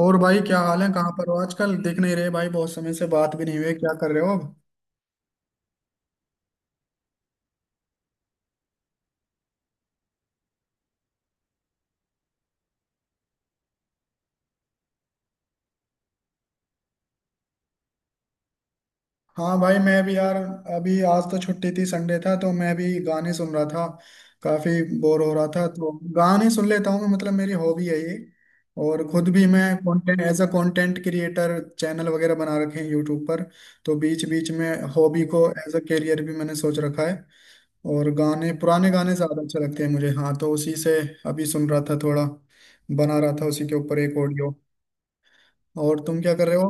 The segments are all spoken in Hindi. और भाई क्या हाल है, कहाँ पर हो आजकल? दिख नहीं रहे भाई, बहुत समय से बात भी नहीं हुई। क्या कर रहे हो अब? हाँ भाई, मैं भी यार अभी आज तो छुट्टी थी, संडे था, तो मैं भी गाने सुन रहा था। काफी बोर हो रहा था तो गाने सुन लेता हूँ। मतलब मेरी हॉबी है ये। और खुद भी मैं content as a content creator channel वगैरह बना रखे हैं यूट्यूब पर। तो बीच बीच में हॉबी को एज अ करियर भी मैंने सोच रखा है। और गाने, पुराने गाने ज्यादा अच्छे लगते हैं मुझे, हाँ तो उसी से अभी सुन रहा था थोड़ा, बना रहा था उसी के ऊपर एक ऑडियो। और तुम क्या कर रहे हो?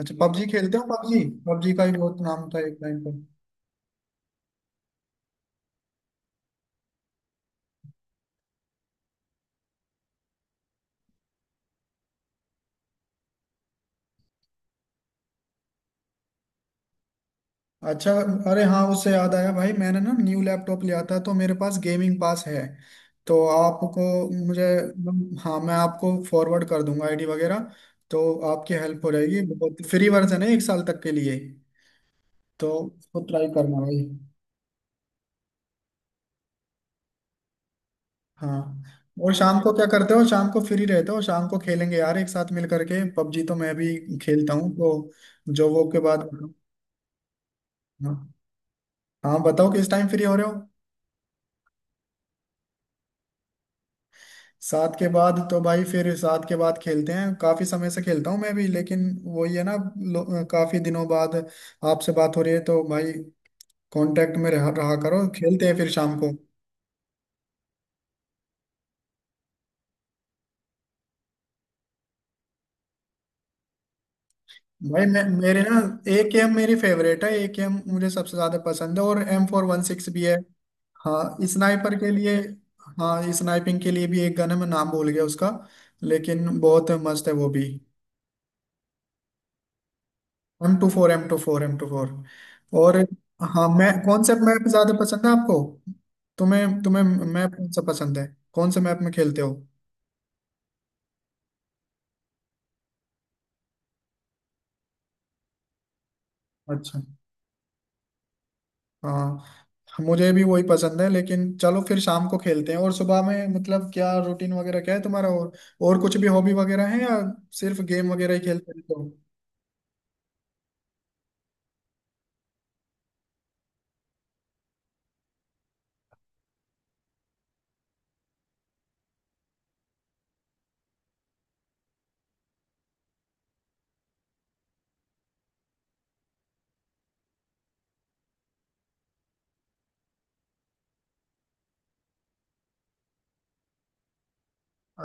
अच्छा, पबजी खेलते हो पबजी? पबजी का ही बहुत नाम था एक टाइम पर। अच्छा, अरे हाँ उससे याद आया भाई, मैंने ना न्यू लैपटॉप लिया था तो मेरे पास गेमिंग पास है। तो आपको, मुझे, हाँ मैं आपको फॉरवर्ड कर दूंगा आईडी वगैरह, तो आपकी हेल्प हो जाएगी। बहुत फ्री वर्जन है एक साल तक के लिए, तो उसको ट्राई करना भाई। हाँ, और शाम को क्या करते हो? शाम को फ्री रहते हो? शाम को खेलेंगे यार एक साथ मिल करके पबजी, तो मैं भी खेलता हूँ तो जो वो के बाद। हाँ हाँ, बताओ किस टाइम फ्री हो रहे हो? 7 के बाद? तो भाई फिर 7 के बाद खेलते हैं। काफी समय से खेलता हूँ मैं भी, लेकिन वही है ना, काफी दिनों बाद आपसे बात हो रही है तो भाई कांटेक्ट में रहा करो, खेलते हैं फिर शाम को। भाई मैं, मेरे ना ए गेम मेरी फेवरेट है, ए गेम मुझे सबसे ज्यादा पसंद है, और M416 भी है। हाँ स्नाइपर के लिए, हाँ स्नाइपिंग के लिए भी एक गन है, मैं नाम भूल गया उसका, लेकिन बहुत मस्त है वो भी। One two four, M24, M24, और हाँ। मैं, कौन से मैप ज्यादा पसंद है आपको? तुम्हें तुम्हें मैप कौन सा पसंद है? कौन से मैप में खेलते हो? अच्छा, हाँ मुझे भी वही पसंद है। लेकिन चलो फिर शाम को खेलते हैं। और सुबह में मतलब क्या रूटीन वगैरह क्या है तुम्हारा, और कुछ भी हॉबी वगैरह है या सिर्फ गेम वगैरह ही खेलते रहते हो?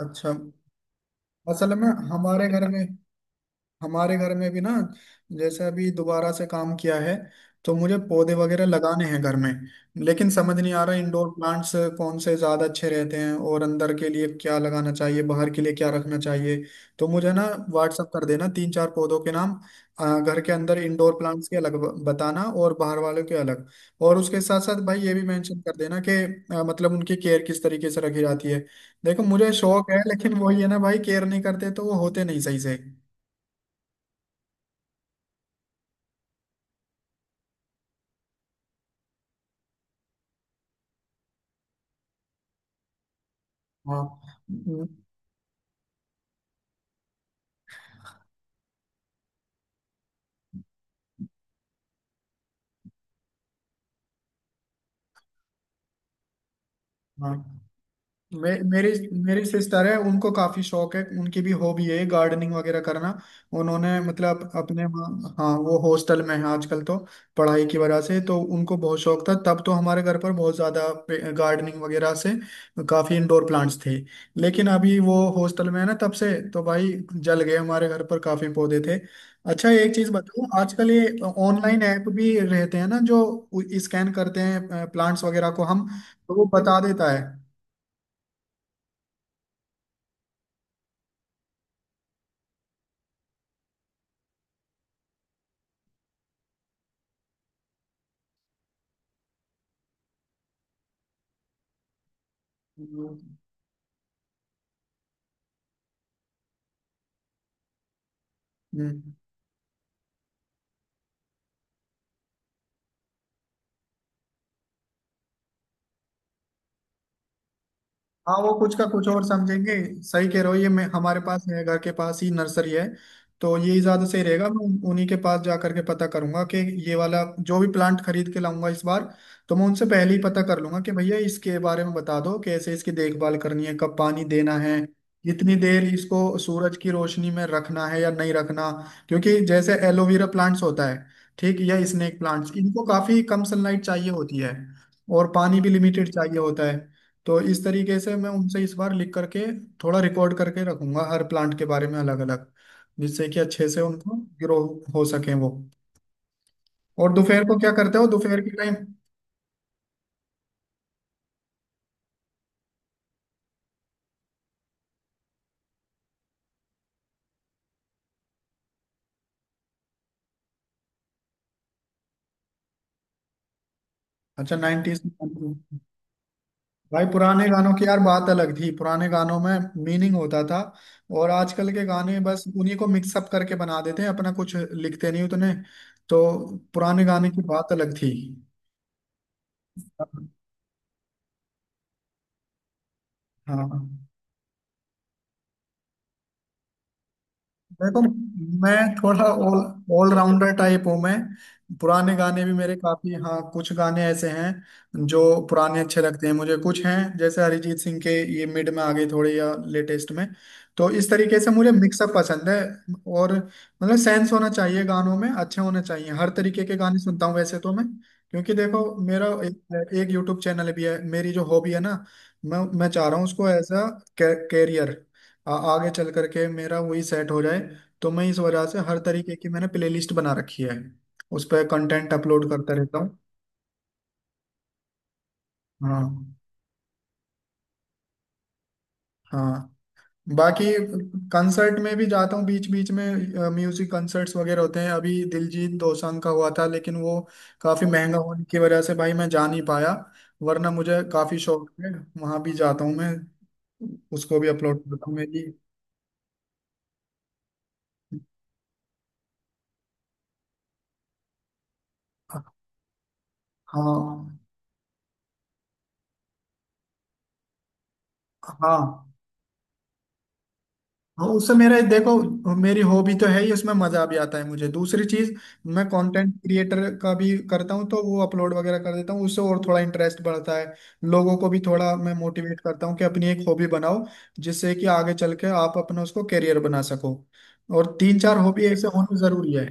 अच्छा, असल में हमारे घर में, हमारे घर में भी ना जैसे अभी दोबारा से काम किया है, तो मुझे पौधे वगैरह लगाने हैं घर में, लेकिन समझ नहीं आ रहा इंडोर प्लांट्स कौन से ज़्यादा अच्छे रहते हैं, और अंदर के लिए क्या लगाना चाहिए, बाहर के लिए क्या रखना चाहिए। तो मुझे ना व्हाट्सअप कर देना तीन चार पौधों के नाम। घर के अंदर इंडोर प्लांट्स के अलग, बताना, और बाहर वालों के अलग। और उसके साथ साथ भाई ये भी मेंशन कर देना कि मतलब उनकी केयर किस तरीके से रखी जाती है। देखो मुझे शौक है, लेकिन वही है ना भाई, केयर नहीं करते तो वो होते नहीं सही से। हाँ। हम्म। हाँ। मेरी मेरी सिस्टर है, उनको काफी शौक है, उनकी भी हॉबी है गार्डनिंग वगैरह करना। उन्होंने मतलब अपने हाँ वो हॉस्टल में है आजकल तो, पढ़ाई की वजह से, तो उनको बहुत शौक था तब तो हमारे घर पर बहुत ज्यादा गार्डनिंग वगैरह से काफी इंडोर प्लांट्स थे। लेकिन अभी वो हॉस्टल में है ना तब से, तो भाई जल गए, हमारे घर पर काफी पौधे थे। अच्छा एक चीज बताओ, आजकल ये ऑनलाइन ऐप भी रहते हैं ना जो स्कैन करते हैं प्लांट्स वगैरह को, हम तो वो बता देता है। हम्म। हाँ वो कुछ का कुछ और समझेंगे। सही कह रहे हो ये, मैं, हमारे पास है, घर के पास ही नर्सरी है, तो यही ज्यादा सही रहेगा। मैं उन्हीं के पास जा करके पता करूंगा कि ये वाला जो भी प्लांट खरीद के लाऊंगा इस बार, तो मैं उनसे पहले ही पता कर लूंगा कि भैया इसके बारे में बता दो कैसे इसकी देखभाल करनी है, कब पानी देना है, कितनी देर इसको सूरज की रोशनी में रखना है या नहीं रखना। क्योंकि जैसे एलोवेरा प्लांट्स होता है ठीक, या स्नेक प्लांट्स, इनको काफी कम सनलाइट चाहिए होती है और पानी भी लिमिटेड चाहिए होता है। तो इस तरीके से मैं उनसे इस बार लिख करके थोड़ा रिकॉर्ड करके रखूंगा हर प्लांट के बारे में अलग अलग, जिससे कि अच्छे से उनको ग्रो हो सके वो। और दोपहर को क्या करते हो दोपहर के टाइम? अच्छा 90s। भाई पुराने गानों की यार बात अलग थी, पुराने गानों में मीनिंग होता था, और आजकल के गाने बस उन्हीं को मिक्सअप करके बना देते हैं, अपना कुछ लिखते नहीं उतने। तो पुराने गाने की बात अलग थी। हाँ। देखो मैं थोड़ा ऑल ऑलराउंडर टाइप हूँ मैं। पुराने गाने भी मेरे काफी, हाँ कुछ गाने ऐसे हैं जो पुराने अच्छे लगते हैं मुझे, कुछ हैं जैसे अरिजीत सिंह के, ये मिड में आ गए थोड़े या लेटेस्ट में। तो इस तरीके से मुझे मिक्सअप पसंद है, और मतलब सेंस होना चाहिए गानों में, अच्छे होने चाहिए। हर तरीके के गाने सुनता हूँ वैसे तो मैं, क्योंकि देखो मेरा एक यूट्यूब चैनल भी है, मेरी जो हॉबी है ना, मैं चाह रहा हूँ उसको एज अ कैरियर आगे चल करके मेरा वही सेट हो जाए। तो मैं इस वजह से हर तरीके की मैंने प्लेलिस्ट बना रखी है, उस पर कंटेंट अपलोड करता रहता हूँ। हाँ हाँ। बाकी कंसर्ट में भी जाता हूँ बीच बीच में, म्यूजिक कंसर्ट्स वगैरह होते हैं। अभी दिलजीत दोसांझ का हुआ था, लेकिन वो काफी महंगा होने की वजह से भाई मैं जा नहीं पाया, वरना मुझे काफी शौक है, वहां भी जाता हूँ मैं, उसको भी अपलोड करता हूँ मेरी। हाँ। हाँ हाँ, उससे मेरा, देखो मेरी हॉबी तो है ही, उसमें मजा भी आता है मुझे। दूसरी चीज मैं कंटेंट क्रिएटर का भी करता हूँ, तो वो अपलोड वगैरह कर देता हूँ उससे, और थोड़ा इंटरेस्ट बढ़ता है। लोगों को भी थोड़ा मैं मोटिवेट करता हूँ कि अपनी एक हॉबी बनाओ, जिससे कि आगे चल के आप अपना उसको करियर बना सको। और तीन चार हॉबी ऐसे होना जरूरी है।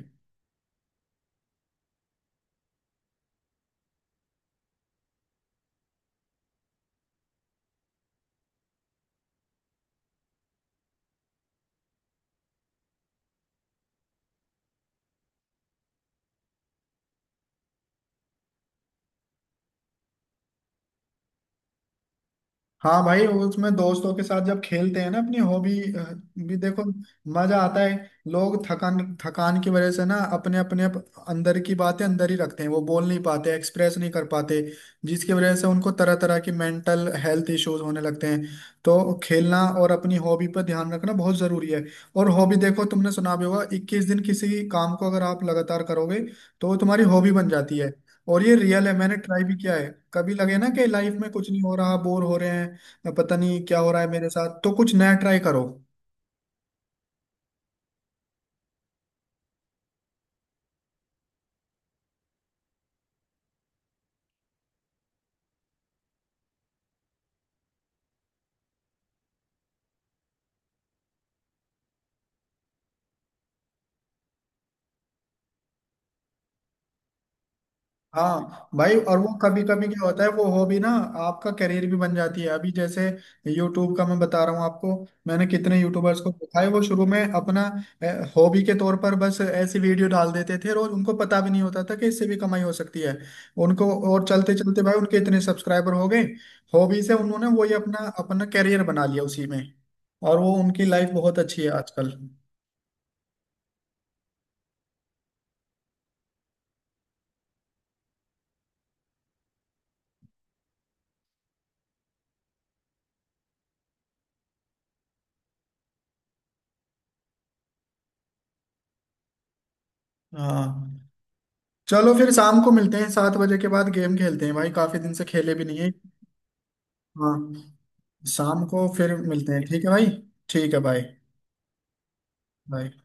हाँ भाई, उसमें दोस्तों के साथ जब खेलते हैं ना अपनी हॉबी भी, देखो मजा आता है। लोग थकान थकान की वजह से ना अपने अपने अंदर की बातें अंदर ही रखते हैं, वो बोल नहीं पाते, एक्सप्रेस नहीं कर पाते, जिसकी वजह से उनको तरह तरह की मेंटल हेल्थ इश्यूज होने लगते हैं। तो खेलना और अपनी हॉबी पर ध्यान रखना बहुत जरूरी है। और हॉबी, देखो तुमने सुना भी होगा, 21 दिन किसी काम को अगर आप लगातार करोगे तो वो तुम्हारी हॉबी बन जाती है। और ये रियल है, मैंने ट्राई भी किया है। कभी लगे ना कि लाइफ में कुछ नहीं हो रहा, बोर हो रहे हैं या पता नहीं क्या हो रहा है मेरे साथ, तो कुछ नया ट्राई करो। हाँ भाई और वो कभी कभी क्या होता है, वो हॉबी ना आपका करियर भी बन जाती है, अभी जैसे यूट्यूब का मैं बता रहा हूँ आपको, मैंने कितने यूट्यूबर्स को देखा है, वो शुरू में अपना हॉबी के तौर पर बस ऐसी वीडियो डाल देते थे और उनको पता भी नहीं होता था कि इससे भी कमाई हो सकती है उनको। और चलते चलते भाई उनके इतने सब्सक्राइबर हो गए, हॉबी से उन्होंने वही अपना अपना करियर बना लिया उसी में, और वो उनकी लाइफ बहुत अच्छी है आजकल। हाँ चलो फिर शाम को मिलते हैं, 7 बजे के बाद गेम खेलते हैं भाई, काफी दिन से खेले भी नहीं है। हाँ शाम को फिर मिलते हैं, ठीक है भाई। ठीक है, बाय। बाय।